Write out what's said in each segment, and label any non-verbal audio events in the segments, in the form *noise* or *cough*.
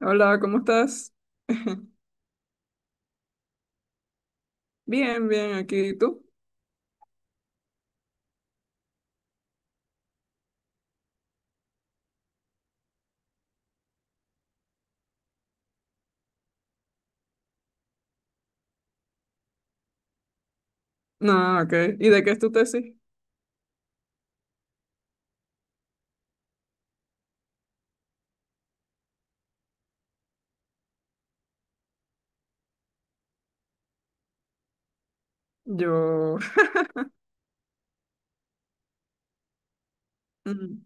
Hola, ¿cómo estás? *laughs* Bien, bien, aquí. ¿Y tú? No, ok. ¿Y de qué es tu tesis? Yo. *laughs* Mm,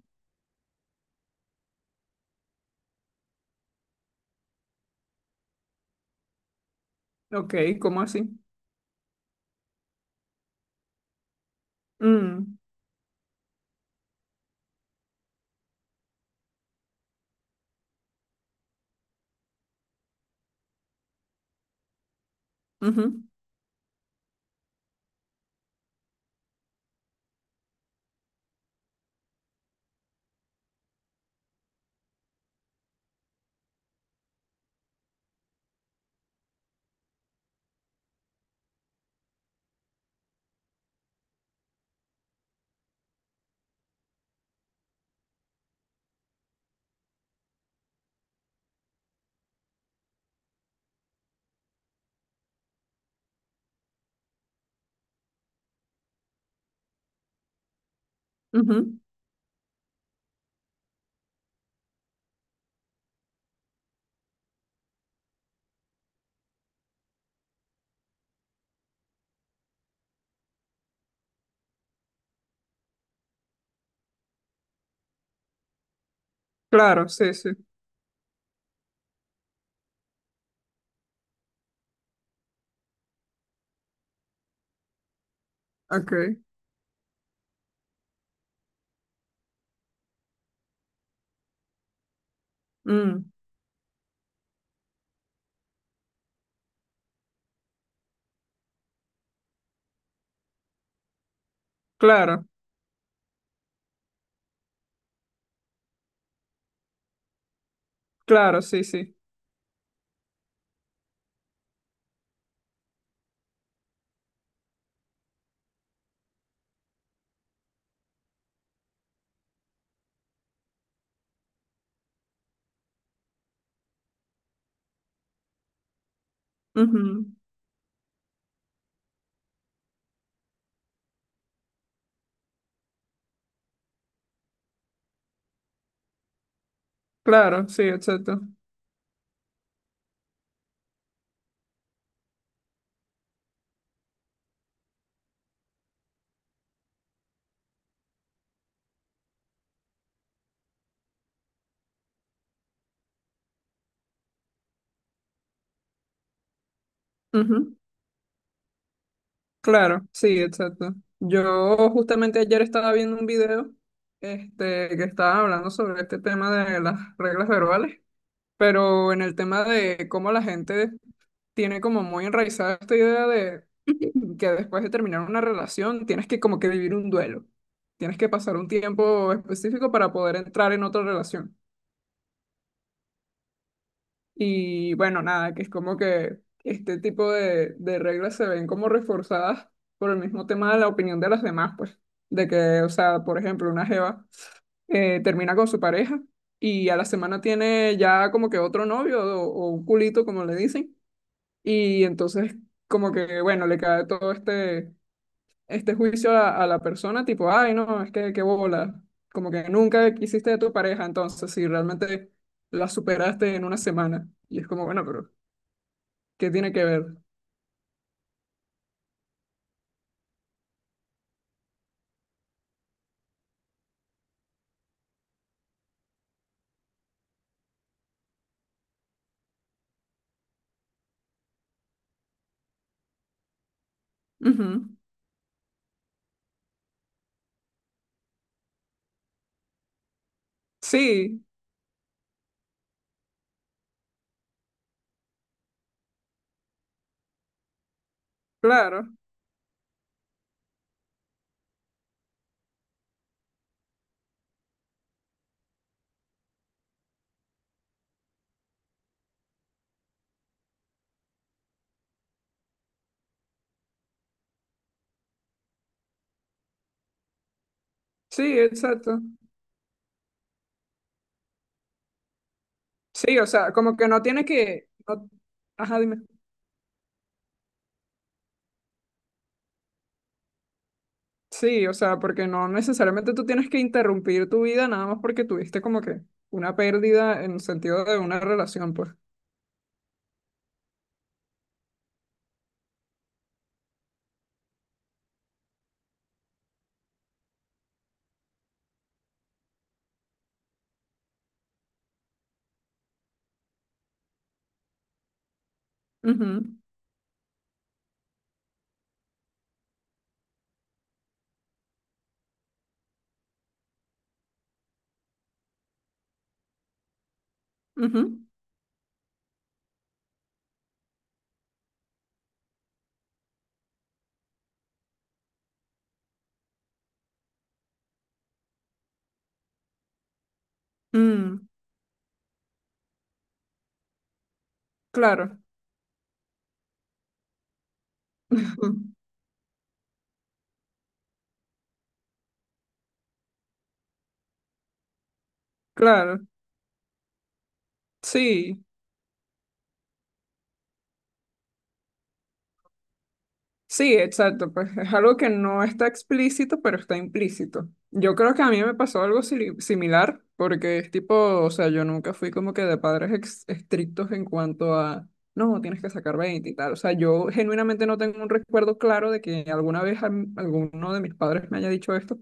ok, ¿cómo así? Mm, ujú, ujú. Claro, sí, sí. Ok. Mm, claro, claro, sí, sí. Ujú, claro, sí, exacto. Ujú, claro, sí, exacto. Yo justamente ayer estaba viendo un video que estaba hablando sobre este tema de las reglas verbales, pero en el tema de cómo la gente tiene como muy enraizada esta idea de que después de terminar una relación tienes que como que vivir un duelo. Tienes que pasar un tiempo específico para poder entrar en otra relación. Y bueno, nada, que es como que este tipo de reglas se ven como reforzadas por el mismo tema de la opinión de las demás, pues. De que, o sea, por ejemplo, una jeva termina con su pareja y a la semana tiene ya como que otro novio o un culito, como le dicen. Y entonces como que, bueno, le cae todo este juicio a la persona, tipo, ay, no, es que qué bola, como que nunca quisiste de tu pareja, entonces, si realmente la superaste en una semana, y es como, bueno, pero, ¿qué tiene que ver? Ujú. Sí, claro, sí, exacto. Sí, o sea, como que no tienes que, no- ajá, dime. Sí, o sea, porque no necesariamente tú tienes que interrumpir tu vida nada más porque tuviste como que una pérdida en el sentido de una relación, pues. Ujú, ujú. Mm, claro. *laughs* Claro, sí. Sí, exacto, pues es algo que no está explícito, pero está implícito. Yo creo que a mí me pasó algo sili- similar, porque es tipo, o sea, yo nunca fui como que de padres ex- estrictos en cuanto a, no, tienes que sacar 20 y tal. O sea, yo genuinamente no tengo un recuerdo claro de que alguna vez a m- alguno de mis padres me haya dicho esto,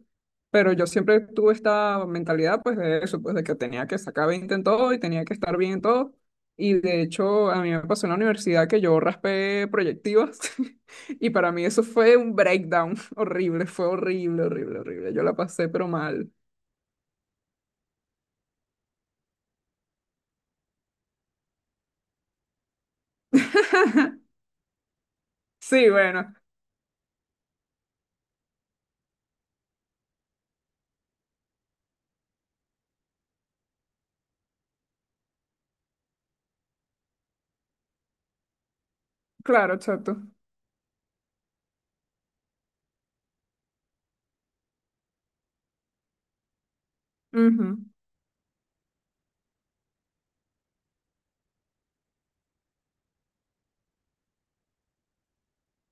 pero yo siempre tuve esta mentalidad, pues de eso, pues de que tenía que sacar 20 en todo y tenía que estar bien en todo. Y de hecho, a mí me pasó en la universidad que yo raspé proyectivas. *laughs* Y para mí eso fue un breakdown *laughs* horrible, fue horrible, horrible, horrible. Yo la pasé, pero mal. *laughs* Sí, bueno, claro, chato. Ujú,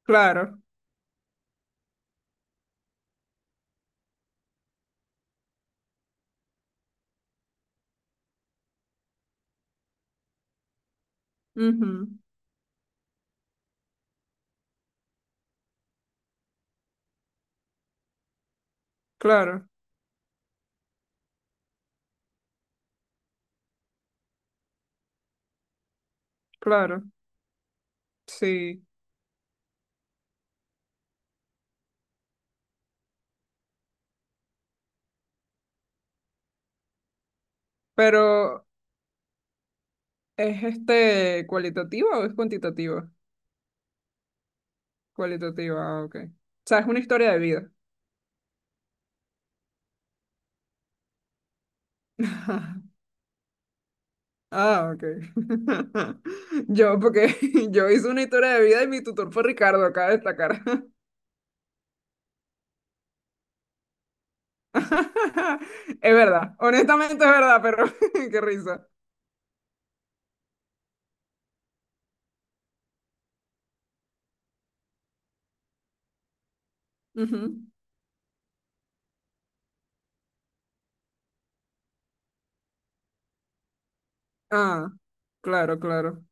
claro, ujú, claro, claro, sí. Pero, ¿es este cualitativo o es cuantitativo? Cualitativa, ah, ok. O sea, es una historia de vida. Ah, ok. *laughs* Yo, porque *laughs* yo hice una historia de vida y mi tutor fue Ricardo, acá de destacar. *laughs* Es verdad, honestamente es verdad, pero *laughs* qué risa. Ujú. Ah, claro, claro,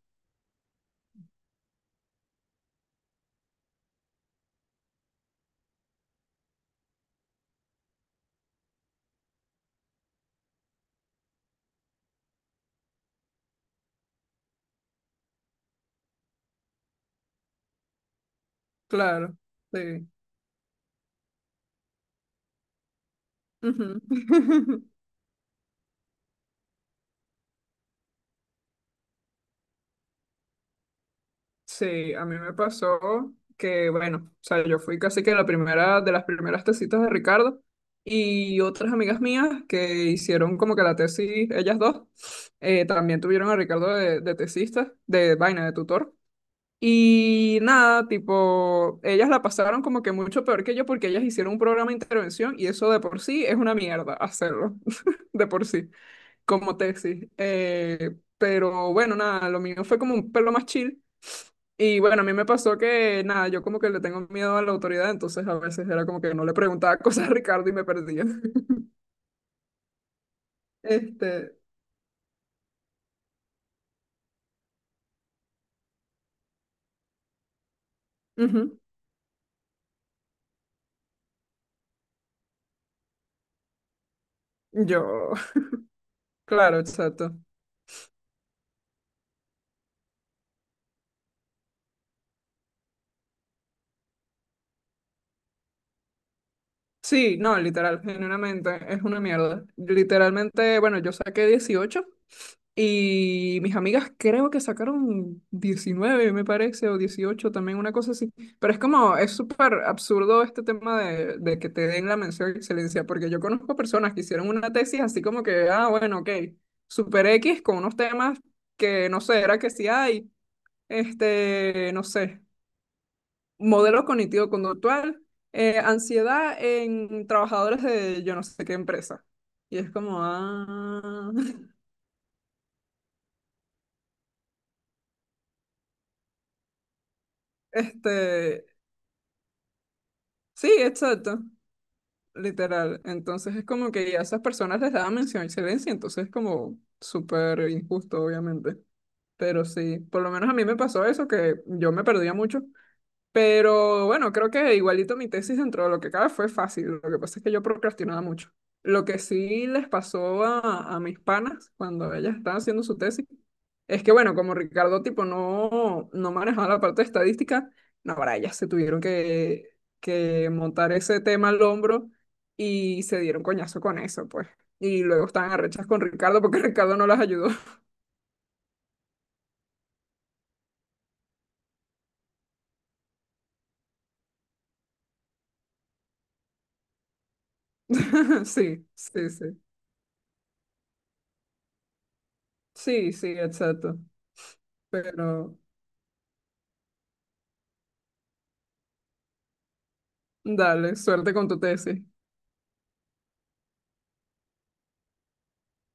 claro. Sí. Ujú. *laughs* Sí, a mí me pasó que, bueno, o sea, yo fui casi que la primera de las primeras tesitas de Ricardo y otras amigas mías que hicieron como que la tesis, ellas dos, también tuvieron a Ricardo de tesista, de vaina, de tutor. Y nada, tipo, ellas la pasaron como que mucho peor que yo porque ellas hicieron un programa de intervención y eso de por sí es una mierda hacerlo, *laughs* de por sí, como tesis. Pero bueno, nada, lo mío fue como un pelo más chill. Y bueno, a mí me pasó que nada, yo como que le tengo miedo a la autoridad, entonces a veces era como que no le preguntaba *laughs* cosas a Ricardo y me perdía. *laughs* Este, ujú, yo, *laughs* claro, exacto. Sí, no, literal, genuinamente es una mierda. Literalmente, bueno, yo saqué 18 y mis amigas creo que sacaron 19 me parece, o 18 también una cosa así. Pero es como, es súper absurdo este tema de que te den la mención de excelencia, porque yo conozco personas que hicieron una tesis así como que, ah, bueno, ok, super X con unos temas que no sé, era que si hay, no sé modelo cognitivo-conductual, ansiedad en trabajadores de yo no sé qué empresa. Y es como, ah, *laughs* este, sí, exacto, literal. Entonces es como que a esas personas les daban mención a excelencia, entonces es como súper injusto, obviamente. Pero sí, por lo menos a mí me pasó eso, que yo me perdía mucho. Pero bueno, creo que igualito mi tesis dentro de lo que cabe fue fácil. Lo que pasa es que yo procrastinaba mucho. Lo que sí les pasó a mis panas cuando ellas estaban haciendo su tesis es que, bueno, como Ricardo tipo no, no manejaba la parte de estadística, no, para ellas se tuvieron que montar ese tema al hombro y se dieron coñazo con eso, pues. Y luego estaban arrechas con Ricardo porque *laughs* Ricardo no las ayudó. *laughs* Sí, sí, sí. Sí, sí, exacto. Pero, dale, suerte con tu tesis.